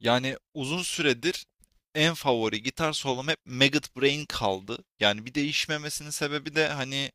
Yani uzun süredir en favori gitar solom hep Maggot Brain kaldı. Yani bir değişmemesinin sebebi de hani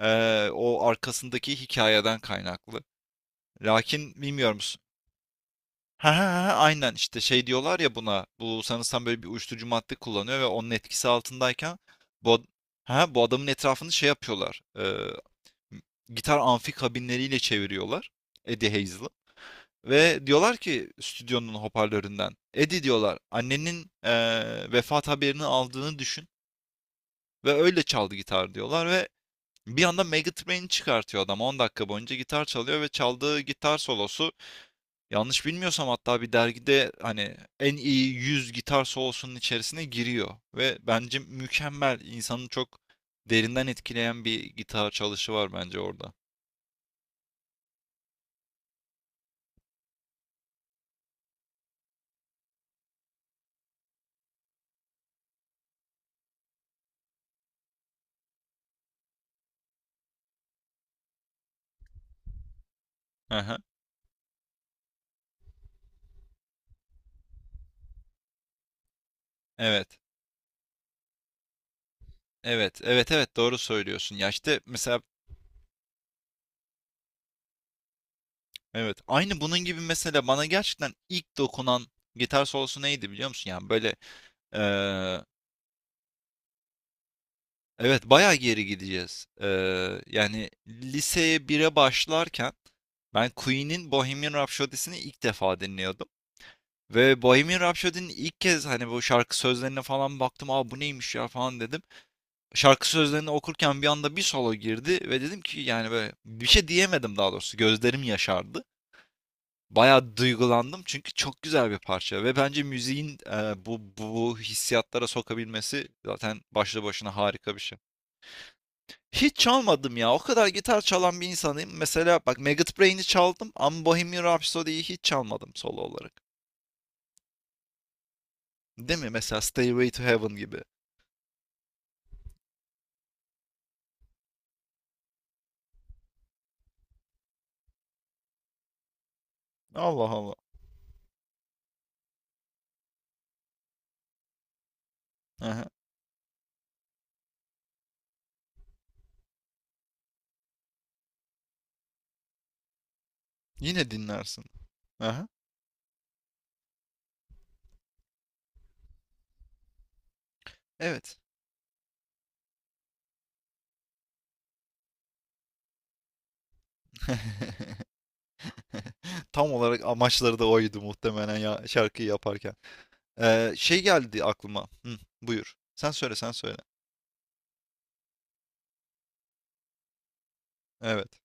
o arkasındaki hikayeden kaynaklı. Lakin bilmiyorum. Ha ha ha ha, aynen işte şey diyorlar ya buna. Bu sanırsam böyle bir uyuşturucu madde kullanıyor ve onun etkisi altındayken bu, ad- ha, bu adamın etrafını şey yapıyorlar. Gitar amfi kabinleriyle çeviriyorlar. Eddie Hazel'ı. Ve diyorlar ki stüdyonun hoparlöründen, Eddie diyorlar, annenin vefat haberini aldığını düşün ve öyle çaldı gitar, diyorlar, ve bir anda Megatrain'i çıkartıyor adam, 10 dakika boyunca gitar çalıyor ve çaldığı gitar solosu yanlış bilmiyorsam hatta bir dergide hani en iyi 100 gitar solosunun içerisine giriyor ve bence mükemmel, insanı çok derinden etkileyen bir gitar çalışı var bence orada. Aha. Evet. Evet, evet, evet, doğru söylüyorsun. Ya işte mesela evet. Aynı bunun gibi mesela bana gerçekten ilk dokunan gitar solosu neydi biliyor musun? Yani böyle eee, evet bayağı geri gideceğiz. Yani liseye bire başlarken ben Queen'in Bohemian Rhapsody'sini ilk defa dinliyordum. Ve Bohemian Rhapsody'nin ilk kez hani bu şarkı sözlerine falan baktım. Aa, bu neymiş ya falan dedim. Şarkı sözlerini okurken bir anda bir solo girdi ve dedim ki yani böyle, bir şey diyemedim daha doğrusu. Gözlerim yaşardı. Bayağı duygulandım çünkü çok güzel bir parça ve bence müziğin bu hissiyatlara sokabilmesi zaten başlı başına harika bir şey. Hiç çalmadım ya. O kadar gitar çalan bir insanım. Mesela bak, Maggot Brain'i çaldım ama Bohemian Rhapsody'yi hiç çalmadım solo olarak. Değil mi? Mesela Stairway to Heaven gibi. Allah Allah. Aha. Yine dinlersin. Aha. Evet. Tam olarak amaçları da oydu muhtemelen ya şarkıyı yaparken. Şey geldi aklıma. Hı, buyur. Sen söyle. Evet.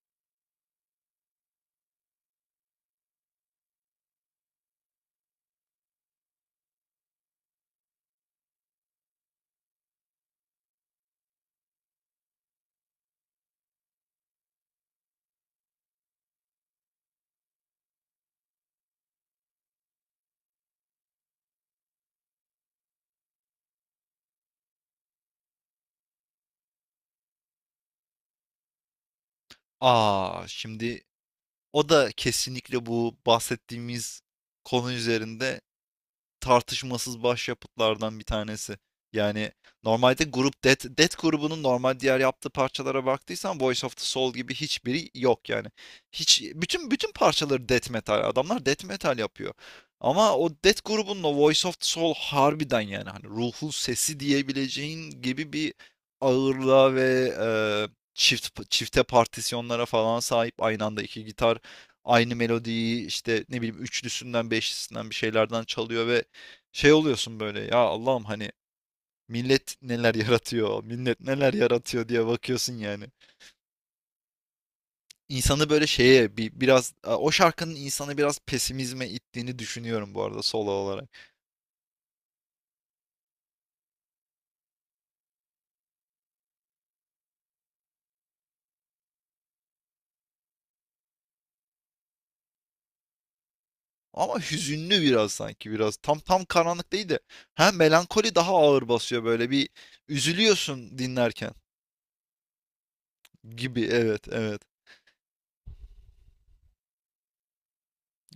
A! Şimdi o da kesinlikle bu bahsettiğimiz konu üzerinde tartışmasız başyapıtlardan bir tanesi. Yani normalde grup Death grubunun normal diğer yaptığı parçalara baktıysan Voice of the Soul gibi hiçbiri yok yani. Hiç bütün bütün parçaları death metal. Adamlar death metal yapıyor. Ama o Death grubunun o Voice of the Soul harbiden, yani hani ruhun sesi diyebileceğin gibi bir ağırlığa ve çift çifte partisyonlara falan sahip, aynı anda iki gitar aynı melodiyi işte ne bileyim üçlüsünden beşlisinden bir şeylerden çalıyor ve şey oluyorsun böyle, ya Allah'ım, hani millet neler yaratıyor, millet neler yaratıyor diye bakıyorsun yani. İnsanı böyle şeye bir, biraz o şarkının insanı biraz pesimizme ittiğini düşünüyorum bu arada solo olarak. Ama hüzünlü biraz, sanki biraz tam karanlık değil de hem melankoli daha ağır basıyor, böyle bir üzülüyorsun dinlerken gibi, evet evet.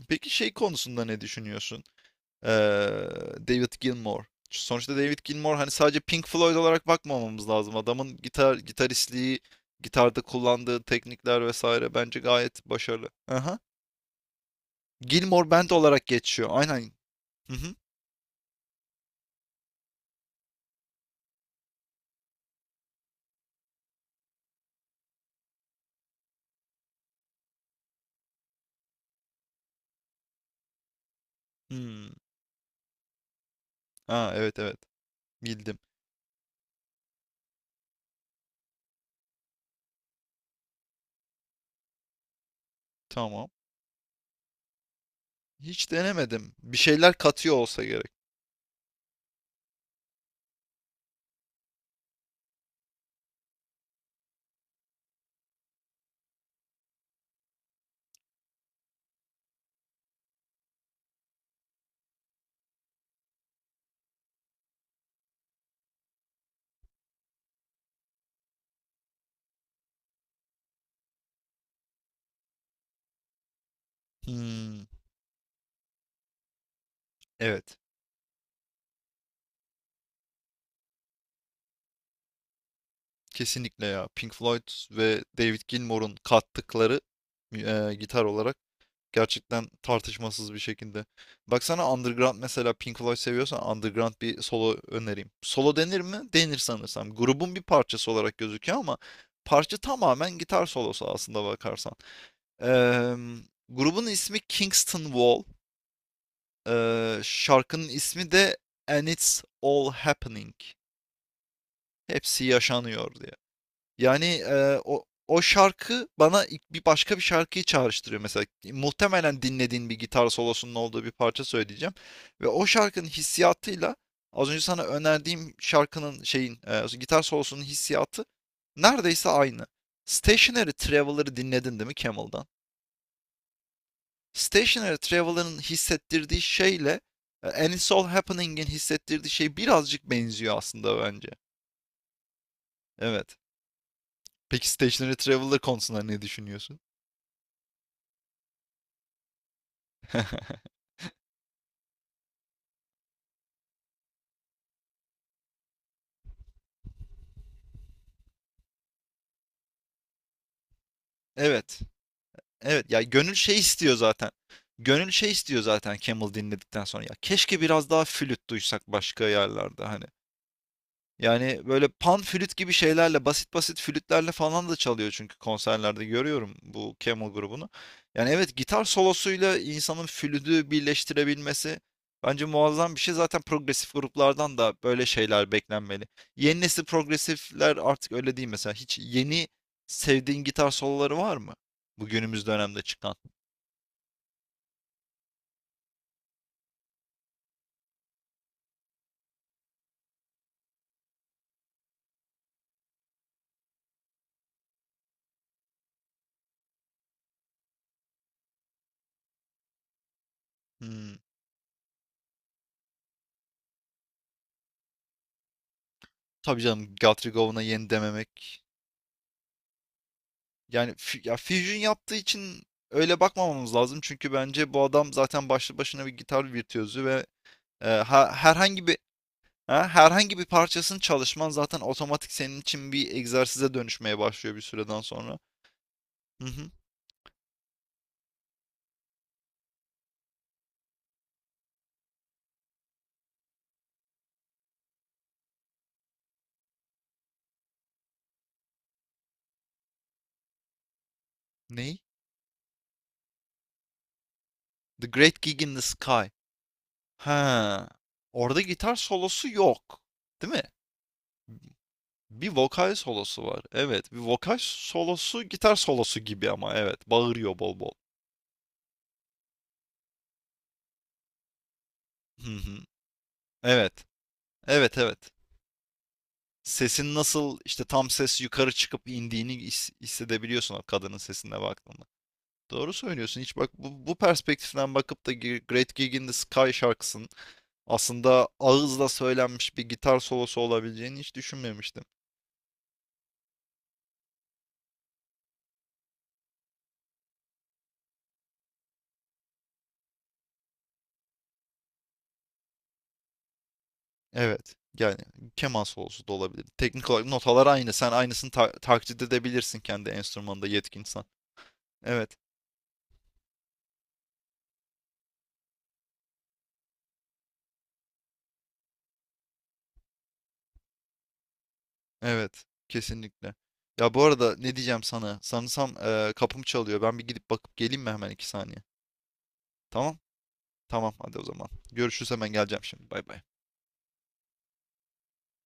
Peki şey konusunda ne düşünüyorsun? Ee, David Gilmour. Sonuçta David Gilmour hani sadece Pink Floyd olarak bakmamamız lazım. Adamın gitaristliği, gitarda kullandığı teknikler vesaire bence gayet başarılı. Aha. Gilmour Band olarak geçiyor. Aynen. Hı hı. Hmm. Ha, evet evet. Bildim. Tamam. Hiç denemedim. Bir şeyler katıyor olsa gerek. Hmm. Evet. Kesinlikle ya. Pink Floyd ve David Gilmour'un kattıkları gitar olarak gerçekten tartışmasız bir şekilde. Baksana, Underground mesela, Pink Floyd seviyorsan Underground bir solo önereyim. Solo denir mi? Denir sanırsam. Grubun bir parçası olarak gözüküyor ama parça tamamen gitar solosu aslında bakarsan. Eee, Grubun ismi Kingston Wall. Şarkının ismi de And It's All Happening. Hepsi yaşanıyor diye. Yani, o şarkı bana ilk bir başka bir şarkıyı çağrıştırıyor mesela. Muhtemelen dinlediğin bir gitar solosunun olduğu bir parça söyleyeceğim ve o şarkının hissiyatıyla az önce sana önerdiğim şarkının şeyin, gitar solosunun hissiyatı neredeyse aynı. Stationary Traveler'ı dinledin değil mi Camel'dan? Stationary Traveler'ın hissettirdiği şeyle, And It's All Happening'in hissettirdiği şey birazcık benziyor aslında bence. Evet. Peki Stationary Traveler konusunda ne düşünüyorsun? Evet. Evet ya, gönül şey istiyor zaten. Gönül şey istiyor zaten Camel dinledikten sonra. Ya keşke biraz daha flüt duysak başka yerlerde hani. Yani böyle pan flüt gibi şeylerle, basit basit flütlerle falan da çalıyor çünkü konserlerde görüyorum bu Camel grubunu. Yani evet, gitar solosuyla insanın flütü birleştirebilmesi bence muazzam bir şey. Zaten progresif gruplardan da böyle şeyler beklenmeli. Yeni nesil progresifler artık öyle değil mesela. Hiç yeni sevdiğin gitar soloları var mı? Bu günümüz dönemde çıkan. Hmm, tabii canım, Guthrie Govan'a yeni dememek. Yani ya Fusion yaptığı için öyle bakmamamız lazım. Çünkü bence bu adam zaten başlı başına bir gitar virtüözü ve herhangi bir ha, herhangi bir parçasını çalışman zaten otomatik senin için bir egzersize dönüşmeye başlıyor bir süreden sonra. Hı hı. Ney? The Great Gig in the Sky. Ha. Orada gitar solosu yok. Değil mi? Bir vokal solosu var. Evet, bir vokal solosu gitar solosu gibi ama evet. Bağırıyor bol bol. Hı hı. Evet. Evet, evet. Sesin nasıl işte tam ses yukarı çıkıp indiğini hissedebiliyorsun o kadının sesine baktığında. Doğru söylüyorsun. Hiç bak bu perspektiften bakıp da Great Gig in the Sky şarkısının aslında ağızla söylenmiş bir gitar solosu olabileceğini hiç düşünmemiştim. Evet. Yani keman solosu da olabilir. Teknik olarak notalar aynı. Sen aynısını taklit edebilirsin kendi enstrümanında yetkinsen. Evet. Evet. Kesinlikle. Ya bu arada ne diyeceğim sana? Sanırsam kapım çalıyor. Ben bir gidip bakıp geleyim mi hemen iki saniye? Tamam. Tamam hadi o zaman. Görüşürüz, hemen geleceğim şimdi. Bay bay.